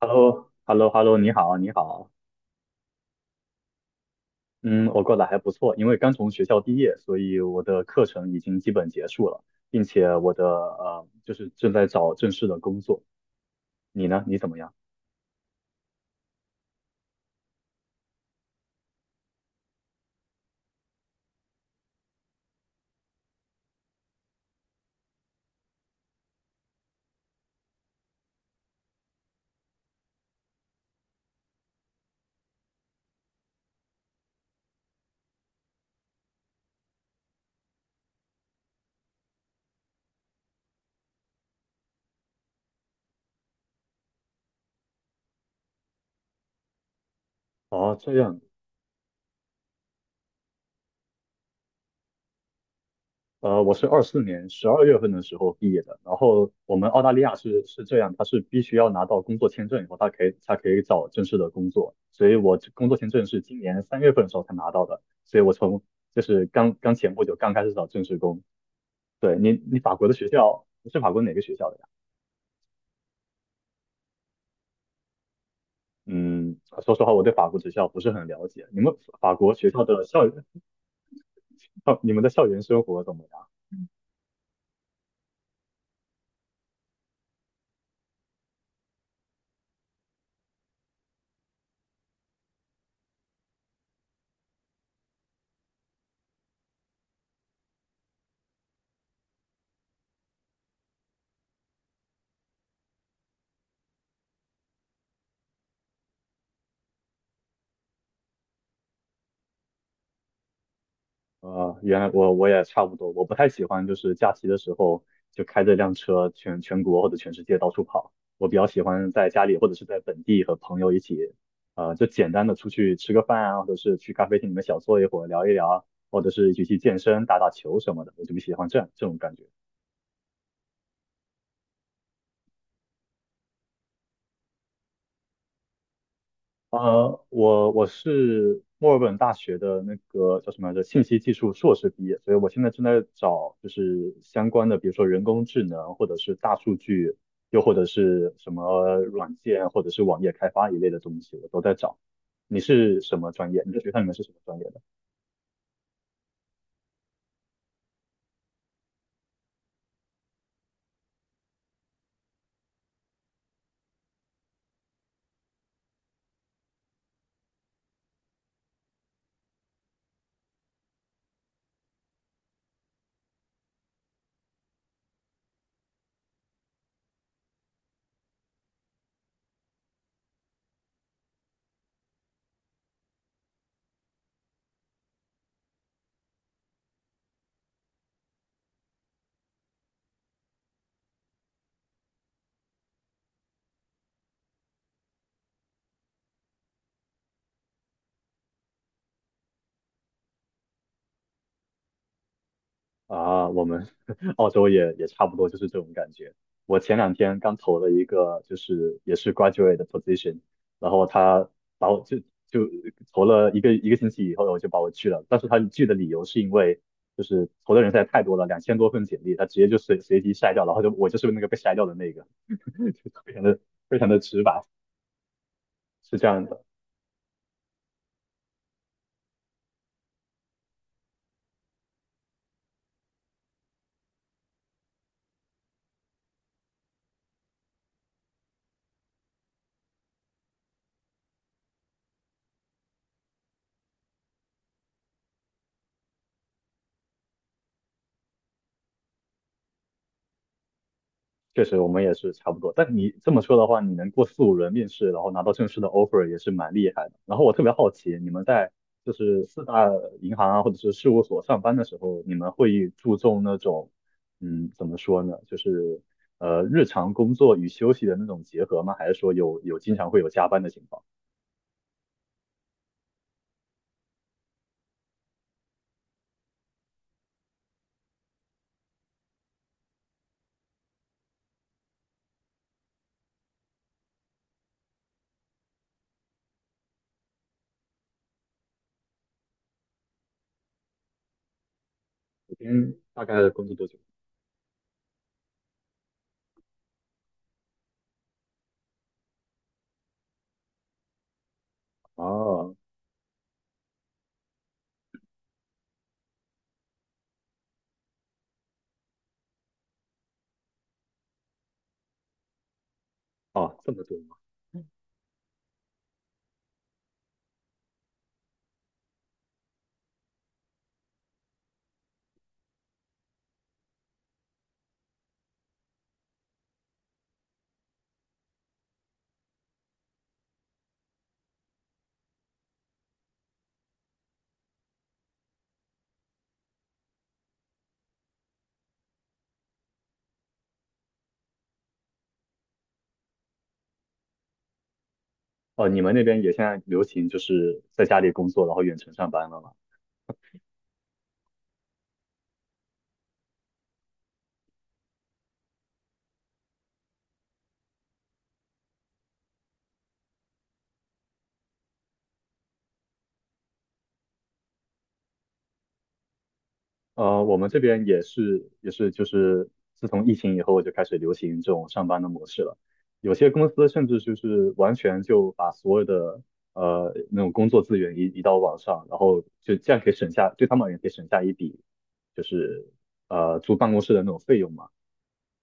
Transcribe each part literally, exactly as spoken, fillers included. h e l l o h e l l o h e l l o 你好，你好，嗯，我过得还不错，因为刚从学校毕业，所以我的课程已经基本结束了，并且我的呃，就是正在找正式的工作。你呢？你怎么样？哦，这样，呃，我是二四年十二月份的时候毕业的，然后我们澳大利亚是是这样，它是必须要拿到工作签证以后，它可以才可以找正式的工作，所以我这工作签证是今年三月份的时候才拿到的，所以我从就是刚刚前不久刚开始找正式工。对，你，你法国的学校，你是法国哪个学校的呀？嗯，说实话，我对法国学校不是很了解。你们法国学校的校园，你们的校园生活怎么样？呃，原来我我也差不多，我不太喜欢就是假期的时候就开着辆车全全国或者全世界到处跑。我比较喜欢在家里或者是在本地和朋友一起，呃，就简单的出去吃个饭啊，或者是去咖啡厅里面小坐一会儿聊一聊，或者是一起去健身、打打球什么的。我就比较喜欢这样这种感觉。呃，我我是墨尔本大学的那个叫什么来着，信息技术硕士毕业，所以我现在正在找就是相关的，比如说人工智能，或者是大数据，又或者是什么软件，或者是网页开发一类的东西，我都在找。你是什么专业？你的学校里面是什么专业？啊，我们 澳洲也也差不多就是这种感觉。我前两天刚投了一个，就是也是 graduate 的 position，然后他把我就就投了一个一个星期以后，我就把我拒了。但是他拒的理由是因为就是投的人实在太多了，两千多份简历，他直接就随随机筛掉，然后就我就是那个被筛掉的那个，就非常的非常的直白，是这样的。确实我们也是差不多。但你这么说的话，你能过四五轮面试，然后拿到正式的 offer 也是蛮厉害的。然后我特别好奇，你们在就是四大银行啊，或者是事务所上班的时候，你们会注重那种，嗯，怎么说呢，就是呃日常工作与休息的那种结合吗？还是说有有经常会有加班的情况？一天大概工作多久？哦哦，这么多吗？哦，你们那边也现在流行就是在家里工作，然后远程上班了吗？呃，我们这边也是也是就是自从疫情以后就开始流行这种上班的模式了。有些公司甚至就是完全就把所有的呃那种工作资源移移到网上，然后就这样可以省下，对他们而言可以省下一笔就是呃租办公室的那种费用嘛。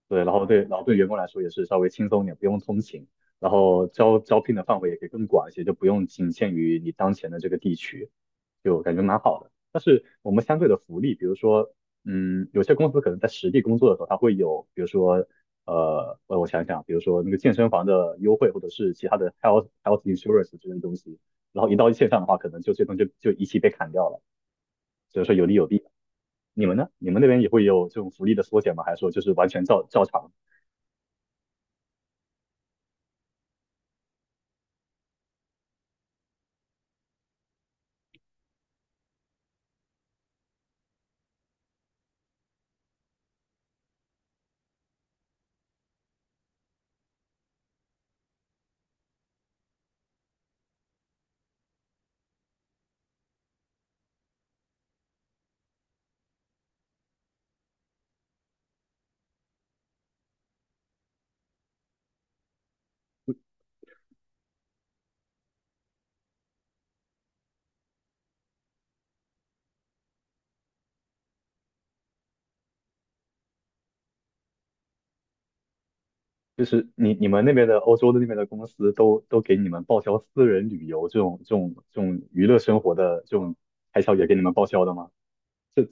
对，然后对，然后对员工来说也是稍微轻松一点，不用通勤，然后招招聘的范围也可以更广一些，就不用仅限于你当前的这个地区，就感觉蛮好的。但是我们相对的福利，比如说，嗯，有些公司可能在实地工作的时候，它会有，比如说，呃，我我想想啊，比如说那个健身房的优惠，或者是其他的 health health insurance 这些东西，然后一到线上的话，可能就这东西就就一起被砍掉了，所以说有利有弊。你们呢？你们那边也会有这种福利的缩减吗？还是说就是完全照照常？就是你你们那边的欧洲的那边的公司都都给你们报销私人旅游这种这种这种娱乐生活的这种开销也给你们报销的吗？这。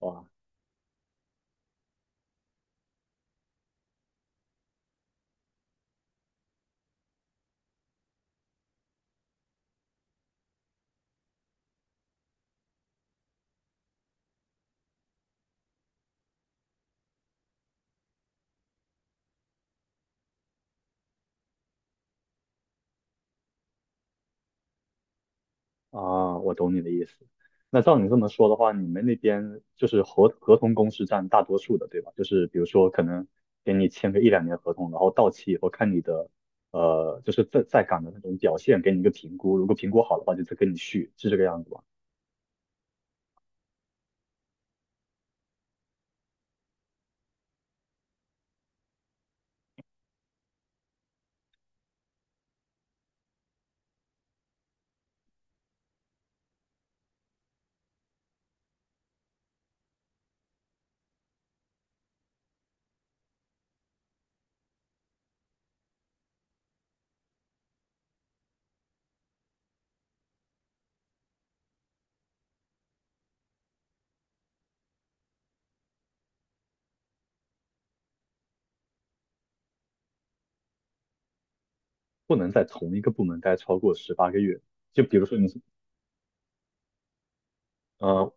哇。啊，我懂你的意思。那照你这么说的话，你们那边就是合合同工是占大多数的，对吧？就是比如说可能给你签个一两年合同，然后到期以后看你的呃就是在在岗的那种表现，给你一个评估，如果评估好的话就再跟你续，是这个样子吧？不能在同一个部门待超过十八个月。就比如说你是。呃，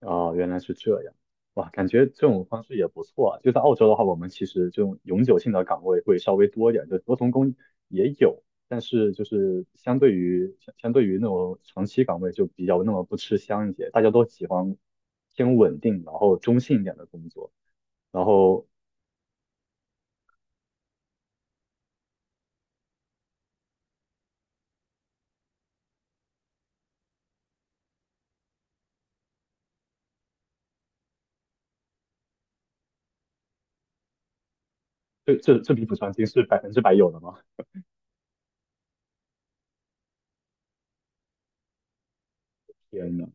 哦，原来是这样。哇，感觉这种方式也不错啊。就在澳洲的话，我们其实这种永久性的岗位会稍微多一点，就多重工也有，但是就是相对于相相对于那种长期岗位就比较那么不吃香一些，大家都喜欢偏稳定，然后中性一点的工作。然后这这这笔补偿金是百分之百有的吗？天呐。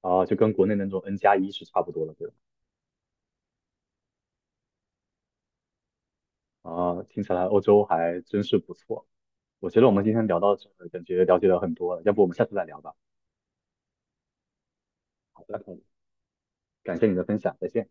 啊，就跟国内那种 N 加一是差不多的，对吧？啊，听起来欧洲还真是不错。我觉得我们今天聊到这儿感觉了解了很多了，要不我们下次再聊吧。好的，感谢你的分享，再见。